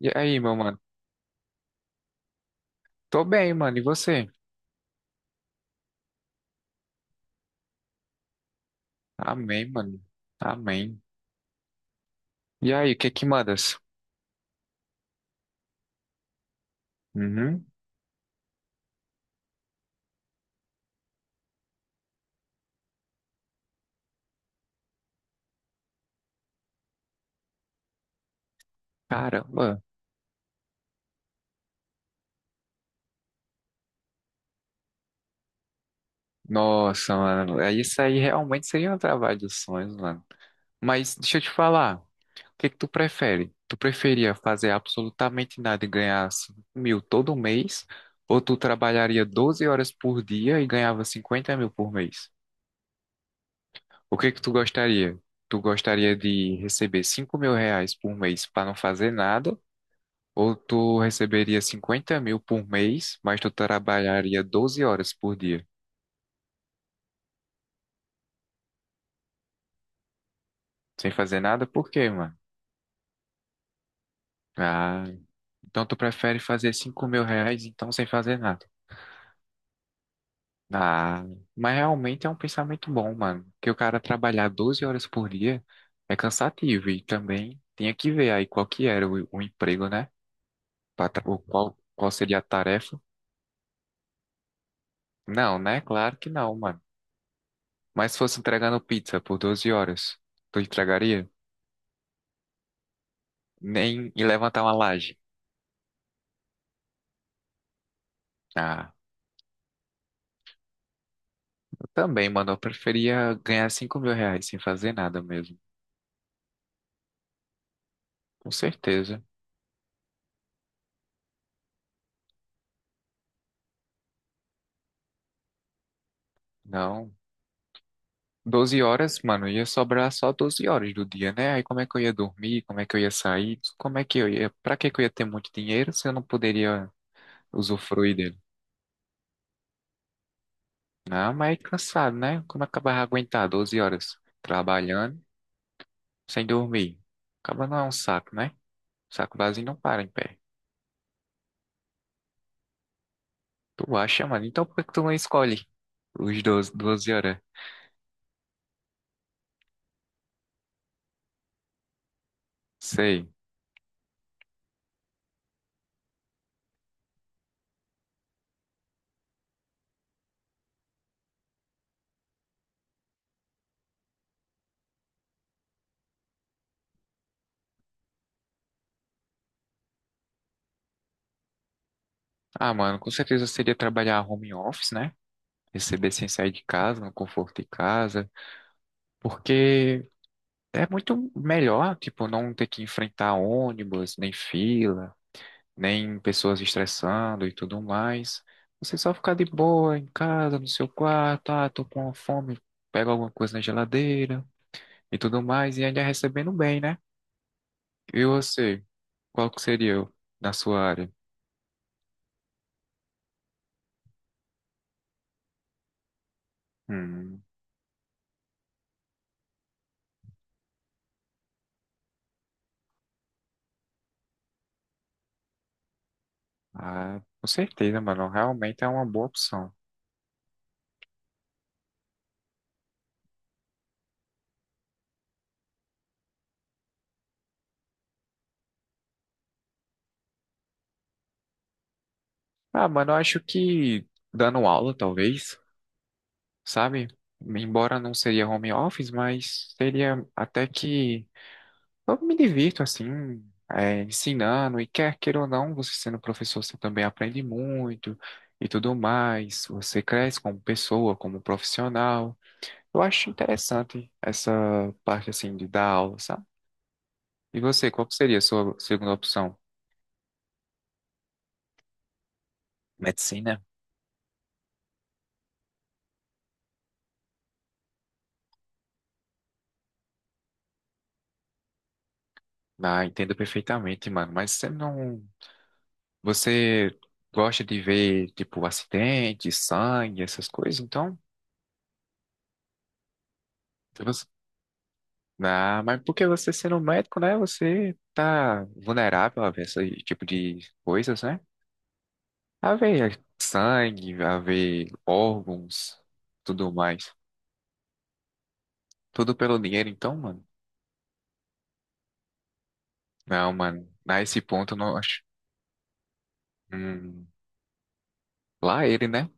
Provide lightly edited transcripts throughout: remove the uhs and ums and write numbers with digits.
E aí, meu mano? Tô bem, mano. E você? Amém, mano. Amém. E aí, o que que mandas? Uhum. Caramba. Nossa, mano. Isso aí realmente seria um trabalho dos sonhos, mano. Mas deixa eu te falar. O que que tu prefere? Tu preferia fazer absolutamente nada e ganhar 5 mil todo mês? Ou tu trabalharia 12 horas por dia e ganhava 50 mil por mês? O que que tu gostaria? Tu gostaria de receber 5 mil reais por mês para não fazer nada? Ou tu receberia 50 mil por mês, mas tu trabalharia 12 horas por dia, sem fazer nada? Por quê, mano? Ah, então tu prefere fazer 5 mil reais, então sem fazer nada. Ah, mas realmente é um pensamento bom, mano. Que o cara trabalhar 12 horas por dia é cansativo e também tinha que ver aí qual que era o emprego, né? O qual seria a tarefa? Não, né? Claro que não, mano. Mas se fosse entregando pizza por 12 horas, tu entregaria? Nem e levantar uma laje. Ah, eu também, mano. Eu preferia ganhar 5 mil reais sem fazer nada mesmo. Com certeza. Não. 12 horas, mano, ia sobrar só 12 horas do dia, né? Aí como é que eu ia dormir? Como é que eu ia sair? Como é que eu ia. Pra que que eu ia ter muito dinheiro se eu não poderia usufruir dele? Não, mas é cansado, né? Como é que eu vai aguentar 12 horas trabalhando sem dormir? Acaba não é um saco, né? Saco vazio não para em pé. Tu acha, mano? Então por que que tu não escolhe os doze horas? Sei. Ah, mano, com certeza seria trabalhar home office, né? Receber sem sair de casa, no conforto de casa, porque é muito melhor, tipo, não ter que enfrentar ônibus, nem fila, nem pessoas estressando e tudo mais. Você só ficar de boa em casa, no seu quarto, ah, tô com uma fome, pega alguma coisa na geladeira e tudo mais, e ainda recebendo bem, né? E você, qual que seria na sua área? Hum, ah, com certeza, mano, realmente é uma boa opção. Ah, mano, eu acho que dando aula, talvez, sabe? Embora não seria home office, mas seria até que eu me divirto, assim, é, ensinando, e quer queira ou não, você sendo professor, você também aprende muito e tudo mais, você cresce como pessoa, como profissional. Eu acho interessante essa parte, assim, de dar aula, sabe? E você, qual que seria a sua segunda opção? Medicina? Ah, entendo perfeitamente, mano, mas você não. Você gosta de ver, tipo, acidente, sangue, essas coisas? Então, se você... Ah, mas porque você sendo um médico, né? Você tá vulnerável a ver esse tipo de coisas, né? A ver sangue, a ver órgãos, tudo mais. Tudo pelo dinheiro, então, mano. Não, mano. A esse ponto, eu não acho. Hum, lá ele, né?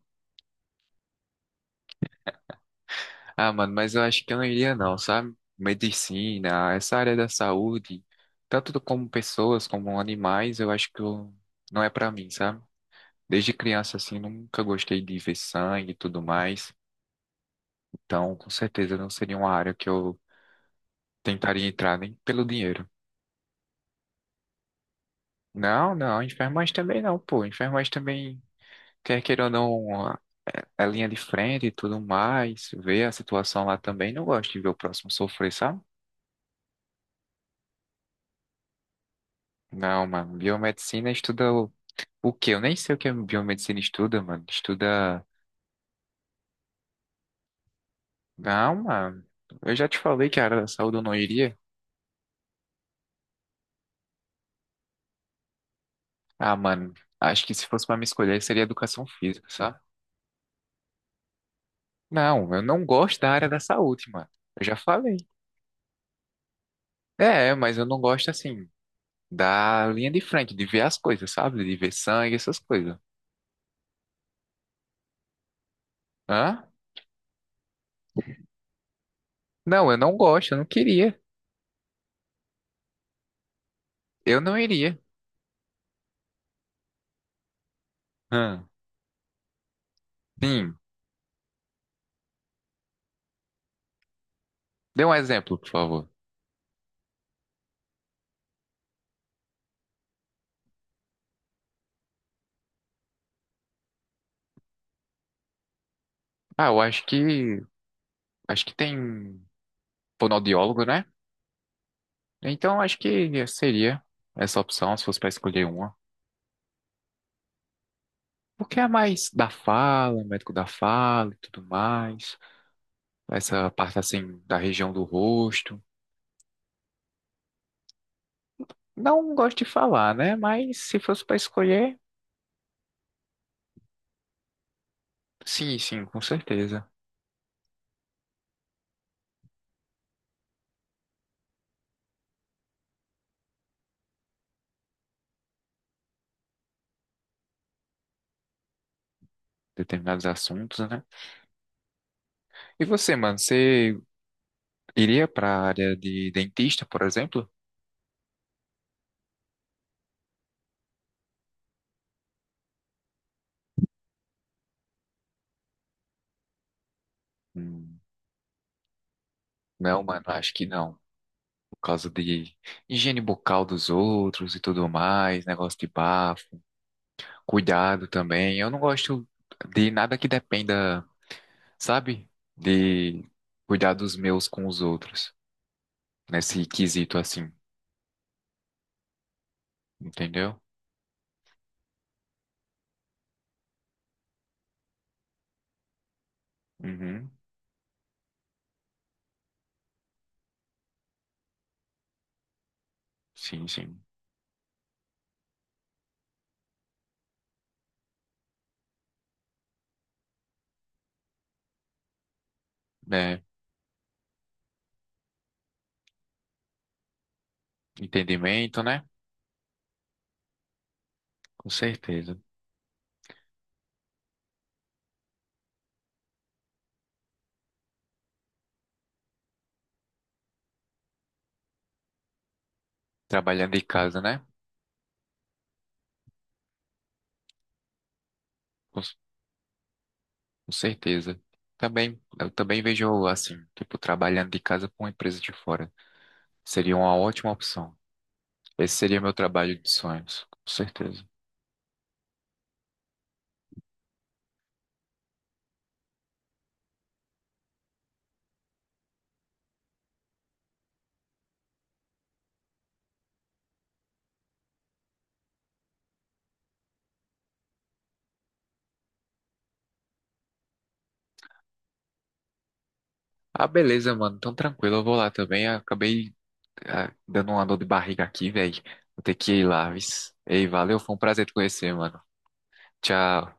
Ah, mano, mas eu acho que eu não iria não, sabe? Medicina, essa área da saúde, tanto como pessoas como animais, eu acho que eu- não é pra mim, sabe? Desde criança, assim, nunca gostei de ver sangue e tudo mais. Então, com certeza, não seria uma área que eu tentaria entrar nem pelo dinheiro. Não, Enfermagem também não, pô. Enfermagem também, quer queira ou não, é linha de frente e tudo mais. Ver a situação lá também, não gosto de ver o próximo sofrer, sabe? Não, mano, biomedicina estuda o quê? Eu nem sei o que a biomedicina estuda, mano. Estuda. Ah, mano. Eu já te falei que a área da saúde eu não iria. Ah, mano. Acho que se fosse pra me escolher, seria educação física, sabe? Não, eu não gosto da área da saúde, mano. Eu já falei. É, mas eu não gosto, assim, da linha de frente, de ver as coisas, sabe? De ver sangue, essas coisas. Hã? Não, eu não gosto, eu não queria. Eu não iria. Hã? Sim. Dê um exemplo, por favor. Ah, eu acho que. Acho que tem fonoaudiólogo, né? Então, acho que seria essa opção, se fosse para escolher uma. Porque é mais da fala, médico da fala e tudo mais. Essa parte, assim, da região do rosto. Não gosto de falar, né? Mas se fosse para escolher, sim, sim, com certeza. Determinados assuntos, né? E você, mano, você iria para a área de dentista, por exemplo? Hum, não, mano, acho que não. Por causa de higiene bucal dos outros e tudo mais, negócio de bafo. Cuidado também. Eu não gosto de nada que dependa, sabe? De cuidar dos meus com os outros, nesse quesito assim, entendeu? Uhum. Sim, sim. É, entendimento, né? Com certeza. Trabalhando de casa, né? Com certeza. Também, eu também vejo assim, tipo, trabalhando de casa com uma empresa de fora. Seria uma ótima opção. Esse seria meu trabalho de sonhos, com certeza. Ah, beleza, mano. Então tranquilo, eu vou lá também. Acabei Ah, dando uma dor de barriga aqui, velho. Vou ter que ir lá, vis. Ei, valeu, foi um prazer te conhecer, mano. Tchau.